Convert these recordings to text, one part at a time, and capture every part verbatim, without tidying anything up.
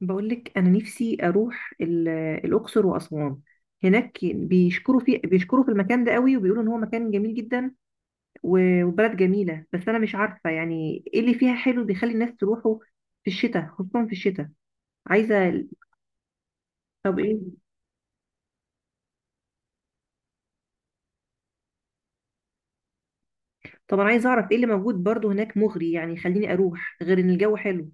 بقولك أنا نفسي أروح ال- الأقصر وأسوان. هناك بيشكروا في بيشكروا في المكان ده قوي وبيقولوا إن هو مكان جميل جدا، و- وبلد جميلة. بس أنا مش عارفة يعني إيه اللي فيها حلو بيخلي الناس تروحوا في الشتاء، خصوصا في الشتاء. عايزة. طب إيه؟ طب أنا عايزة أعرف إيه اللي موجود برضو هناك مغري، يعني يخليني أروح غير إن الجو حلو.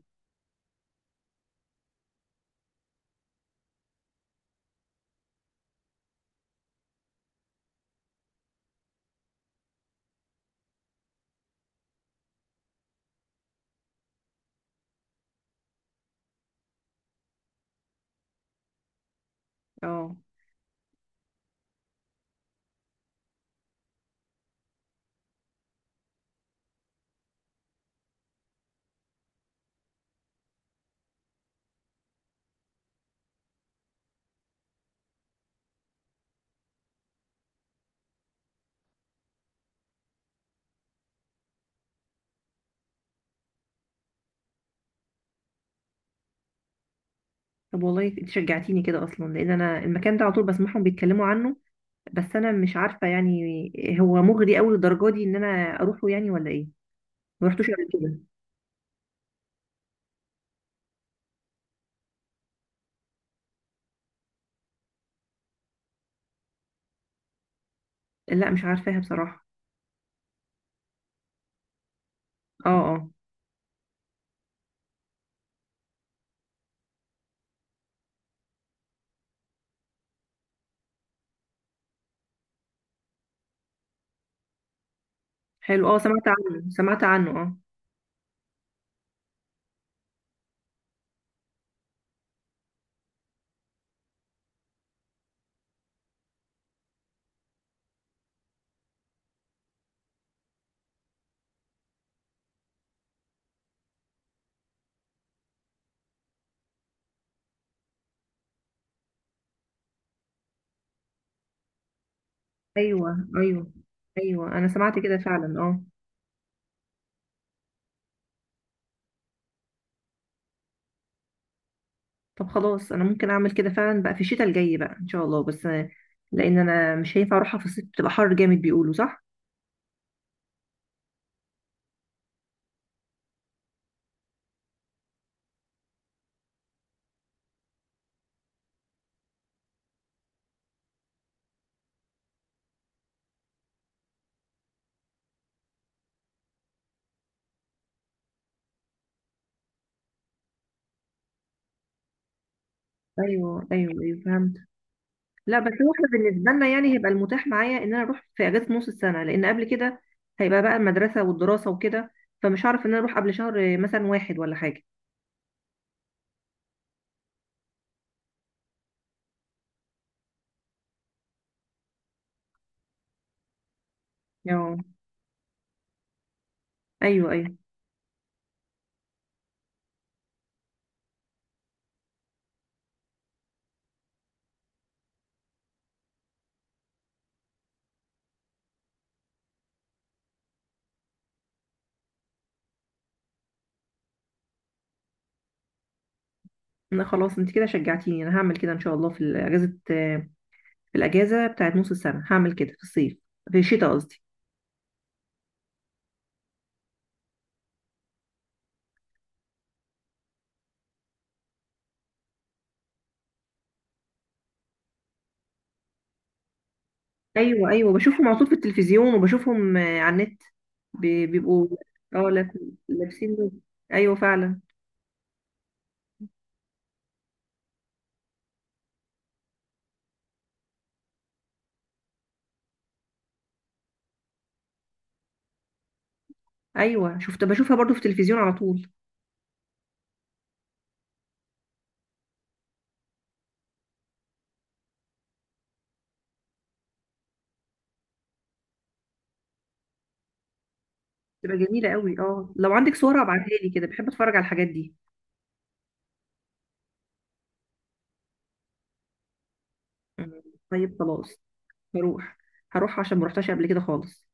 أه. طب والله أنت شجعتيني كده، أصلا لأن أنا المكان ده على طول بسمعهم بيتكلموا عنه، بس أنا مش عارفة يعني هو مغري أوي للدرجة دي إن أنا أروحه يعني ولا إيه؟ ما رحتوش قبل كده؟ لا مش عارفاها بصراحة. اه. اه. حلو، اه سمعت عنه، سمعت عنه، اه. ايوه ايوه ايوه، انا سمعت كده فعلا، اه. طب خلاص انا ممكن اعمل كده فعلا بقى في الشتاء الجاي بقى ان شاء الله، بس آه، لان انا مش هينفع اروحها في الصيف، بتبقى حر جامد بيقولوا، صح؟ ايوه ايوه ايوه، فهمت. لا بس هو احنا بالنسبه لنا يعني هيبقى المتاح معايا ان انا اروح في اجازه نص السنه، لان قبل كده هيبقى بقى المدرسه والدراسه وكده، فمش هعرف ان انا اروح قبل شهر آه، مثلا واحد ولا حاجه. اه ايوه ايوه. لا خلاص انت كده شجعتيني، انا هعمل كده ان شاء الله في الاجازه في الاجازه بتاعت نص السنه. هعمل كده في الصيف، في الشتاء قصدي. ايوه ايوه بشوفهم على طول في التلفزيون، وبشوفهم آه، على النت. بي- بيبقوا. اه، لا- لابسين دول. ايوه فعلا. ايوه شفت بشوفها برضو في التلفزيون على طول. بتبقى جميله قوي، اه لو عندك صور ابعتها لي كده، بحب اتفرج على الحاجات دي. مم. طيب خلاص، هروح هروح عشان ما رحتش قبل كده خالص.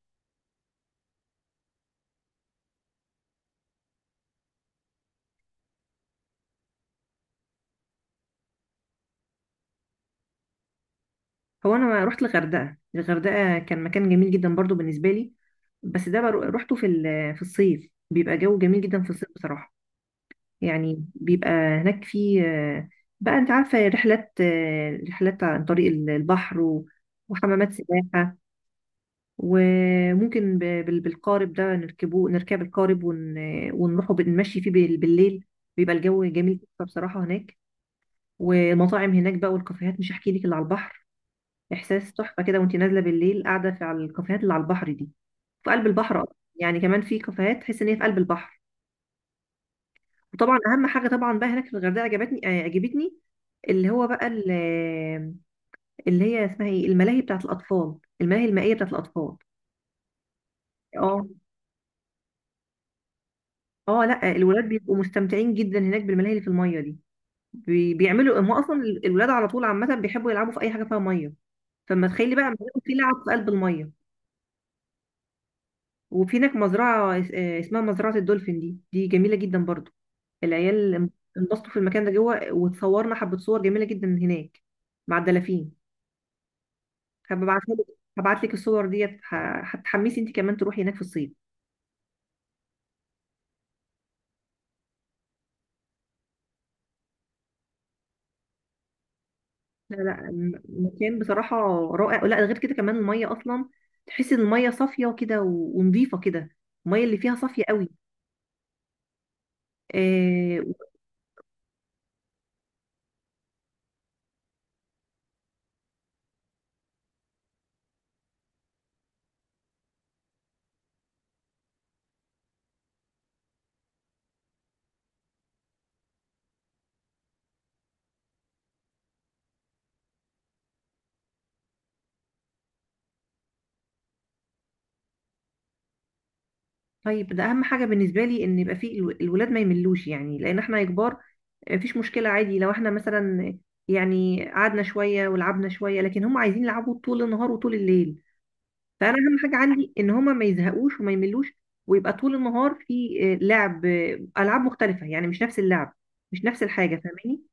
هو انا رحت الغردقه. الغردقه كان مكان جميل جدا برضو بالنسبه لي، بس ده برو- روحته في ال- في الصيف، بيبقى جو جميل جدا في الصيف بصراحه. يعني بيبقى هناك في آه، بقى انت عارفه رحلات آه، رحلات عن طريق ال- البحر، و- وحمامات سباحه، وممكن ب- بال- بالقارب ده نركبه نركب القارب ون- ونروحوا بال- نمشي فيه بال- بالليل. بيبقى الجو جميل جدا بصراحه هناك. والمطاعم هناك بقى والكافيهات، مش هحكي لك اللي على البحر. احساس تحفه كده وانت نازله بالليل قاعده في على الكافيهات اللي على البحر دي. في قلب البحر أصلاً. يعني كمان في كافيهات تحس ان هي في قلب البحر. وطبعا اهم حاجه طبعا بقى هناك في الغردقه عجبتني آه، عجبتني اللي هو بقى ال- اللي هي اسمها ايه، الملاهي بتاعت الاطفال الملاهي المائيه بتاعت الاطفال. اه. اه لا الولاد بيبقوا مستمتعين جدا هناك بالملاهي اللي في الميه دي. بي- بيعملوا هم اصلا ال- الولاد على طول، عامه بيحبوا يلعبوا في اي حاجه فيها ميه، فما تخيلي بقى بيبقوا في لعب في قلب الميه. وفي هناك مزرعه اس- آه، اسمها مزرعه الدولفين دي، دي جميله جدا برضو. العيال انبسطوا في المكان ده جوه، وتصورنا حبة صور جميلة جدا هناك مع الدلافين. هبعتها لك هبعت لك الصور ديت، ه- هتحمسي انت كمان تروحي هناك في الصيف. لا لا، م- مكان بصراحة رائع. لا غير كده كمان المية أصلا، تحسي إن المية صافية كده و- ونضيفة كده. المية اللي فيها صافية قوي. آه طيب ده أهم حاجة بالنسبة لي إن يبقى في الو- الولاد ما يملوش، يعني لأن إحنا كبار مفيش مشكلة عادي، لو إحنا مثلا يعني قعدنا شوية ولعبنا شوية، لكن هم عايزين يلعبوا طول النهار وطول الليل. فانا اهم حاجه عندي ان هما ما يزهقوش وما يملوش، ويبقى طول النهار في آه، لعب، آه، العاب مختلفه، يعني مش نفس اللعب، مش نفس الحاجه، فاهماني؟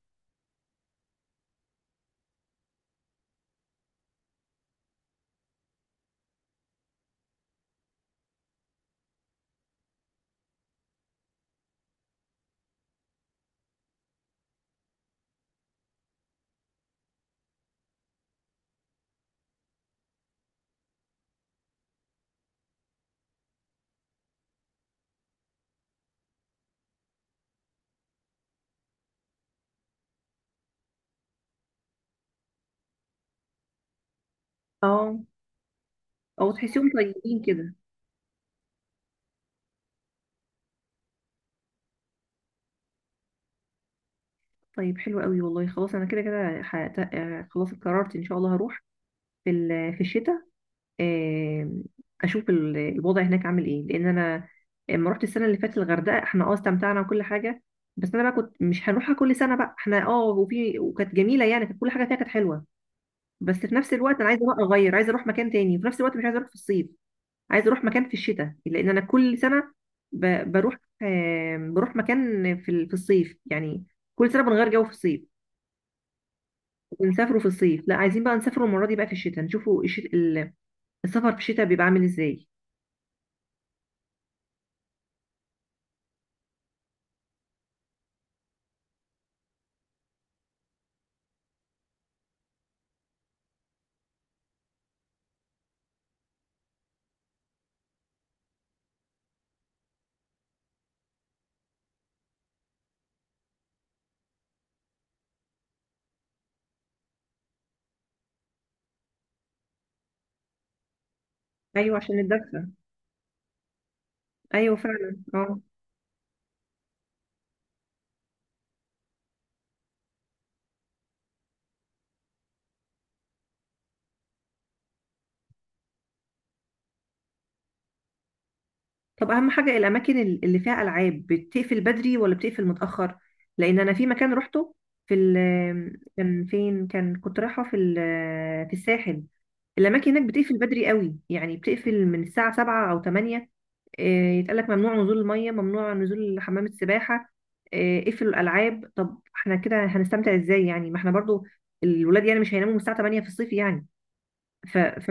اه. او تحسيهم طيبين كده. طيب حلو قوي والله، خلاص انا كده كده حققت- آه، خلاص قررت ان شاء الله هروح في ال- في الشتاء. آم، اشوف ال- الوضع هناك عامل ايه، لان انا لما رحت السنه اللي فاتت الغردقه، احنا اه استمتعنا وكل حاجه، بس انا بقى كنت مش هنروحها كل سنه بقى، احنا اه وفي وكانت جميله، يعني كانت كل حاجه فيها كانت حلوه، بس في نفس الوقت انا عايزه بقى اغير، عايزه اروح مكان تاني، وفي نفس الوقت مش عايزه اروح في الصيف. عايزه اروح مكان في الشتاء لان انا كل سنه ب- بروح، آم، بروح مكان في ال- في الصيف يعني، كل سنه بنغير جو في الصيف، بنسافروا في الصيف. لا عايزين بقى نسافروا المره دي بقى في الشتاء، نشوفوا الشت- ال- السفر في الشتاء بيبقى عامل ازاي. ايوه عشان الدفء. ايوه فعلا اه. طب اهم حاجه الاماكن ال- اللي فيها العاب بتقفل بدري ولا بتقفل متاخر؟ لان انا في مكان رحته في ال كان فين، كان كنت رايحه في ال- في الساحل، الاماكن هناك بتقفل بدري قوي، يعني بتقفل من الساعه سبعة او تمانية. آه، يتقالك ممنوع نزول الميه، ممنوع نزول حمام السباحه، آه، اقفلوا الالعاب. طب احنا كده هنستمتع ازاي يعني؟ ما احنا برضو الولاد يعني مش هيناموا من الساعه تمانية في الصيف يعني. ف... ف...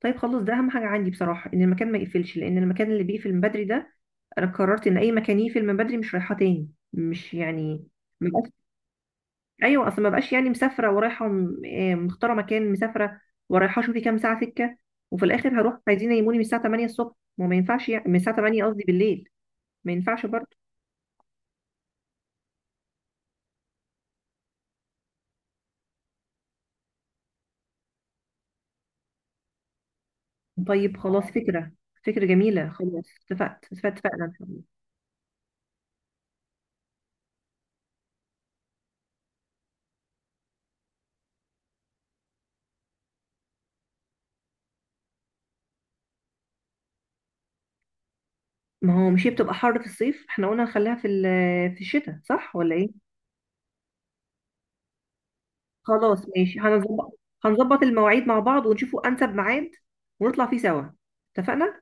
طيب خلص، ده اهم حاجه عندي بصراحه ان المكان ما يقفلش، لان المكان اللي بيقفل من بدري ده، انا قررت ان اي مكان يقفل من بدري مش رايحاه تاني، مش يعني. ايوه اصل ما بقاش يعني مسافره ورايحه م- آه، مختاره مكان، مسافره ورايحه، شوفي كام ساعه سكه، وفي الاخر هروح عايزين ينيموني من الساعه تمانية الصبح، وما ينفعش يعني، من الساعه تمانية قصدي بالليل. ما ينفعش برضه. طيب خلاص اه فكره، فكره جميله، خلاص. اتفقت اتفقت اتفقنا إن شاء الله. ما هو مش هي بتبقى حر في الصيف؟ احنا قلنا نخليها في ال- في الشتاء، صح ولا ايه؟ خلاص ماشي، هنظبط هنظبط المواعيد مع بعض ونشوفوا انسب ميعاد ونطلع فيه سوا. اتفقنا.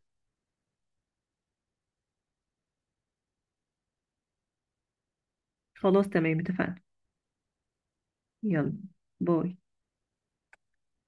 خلاص تمام، اتفقنا. يلا. باي.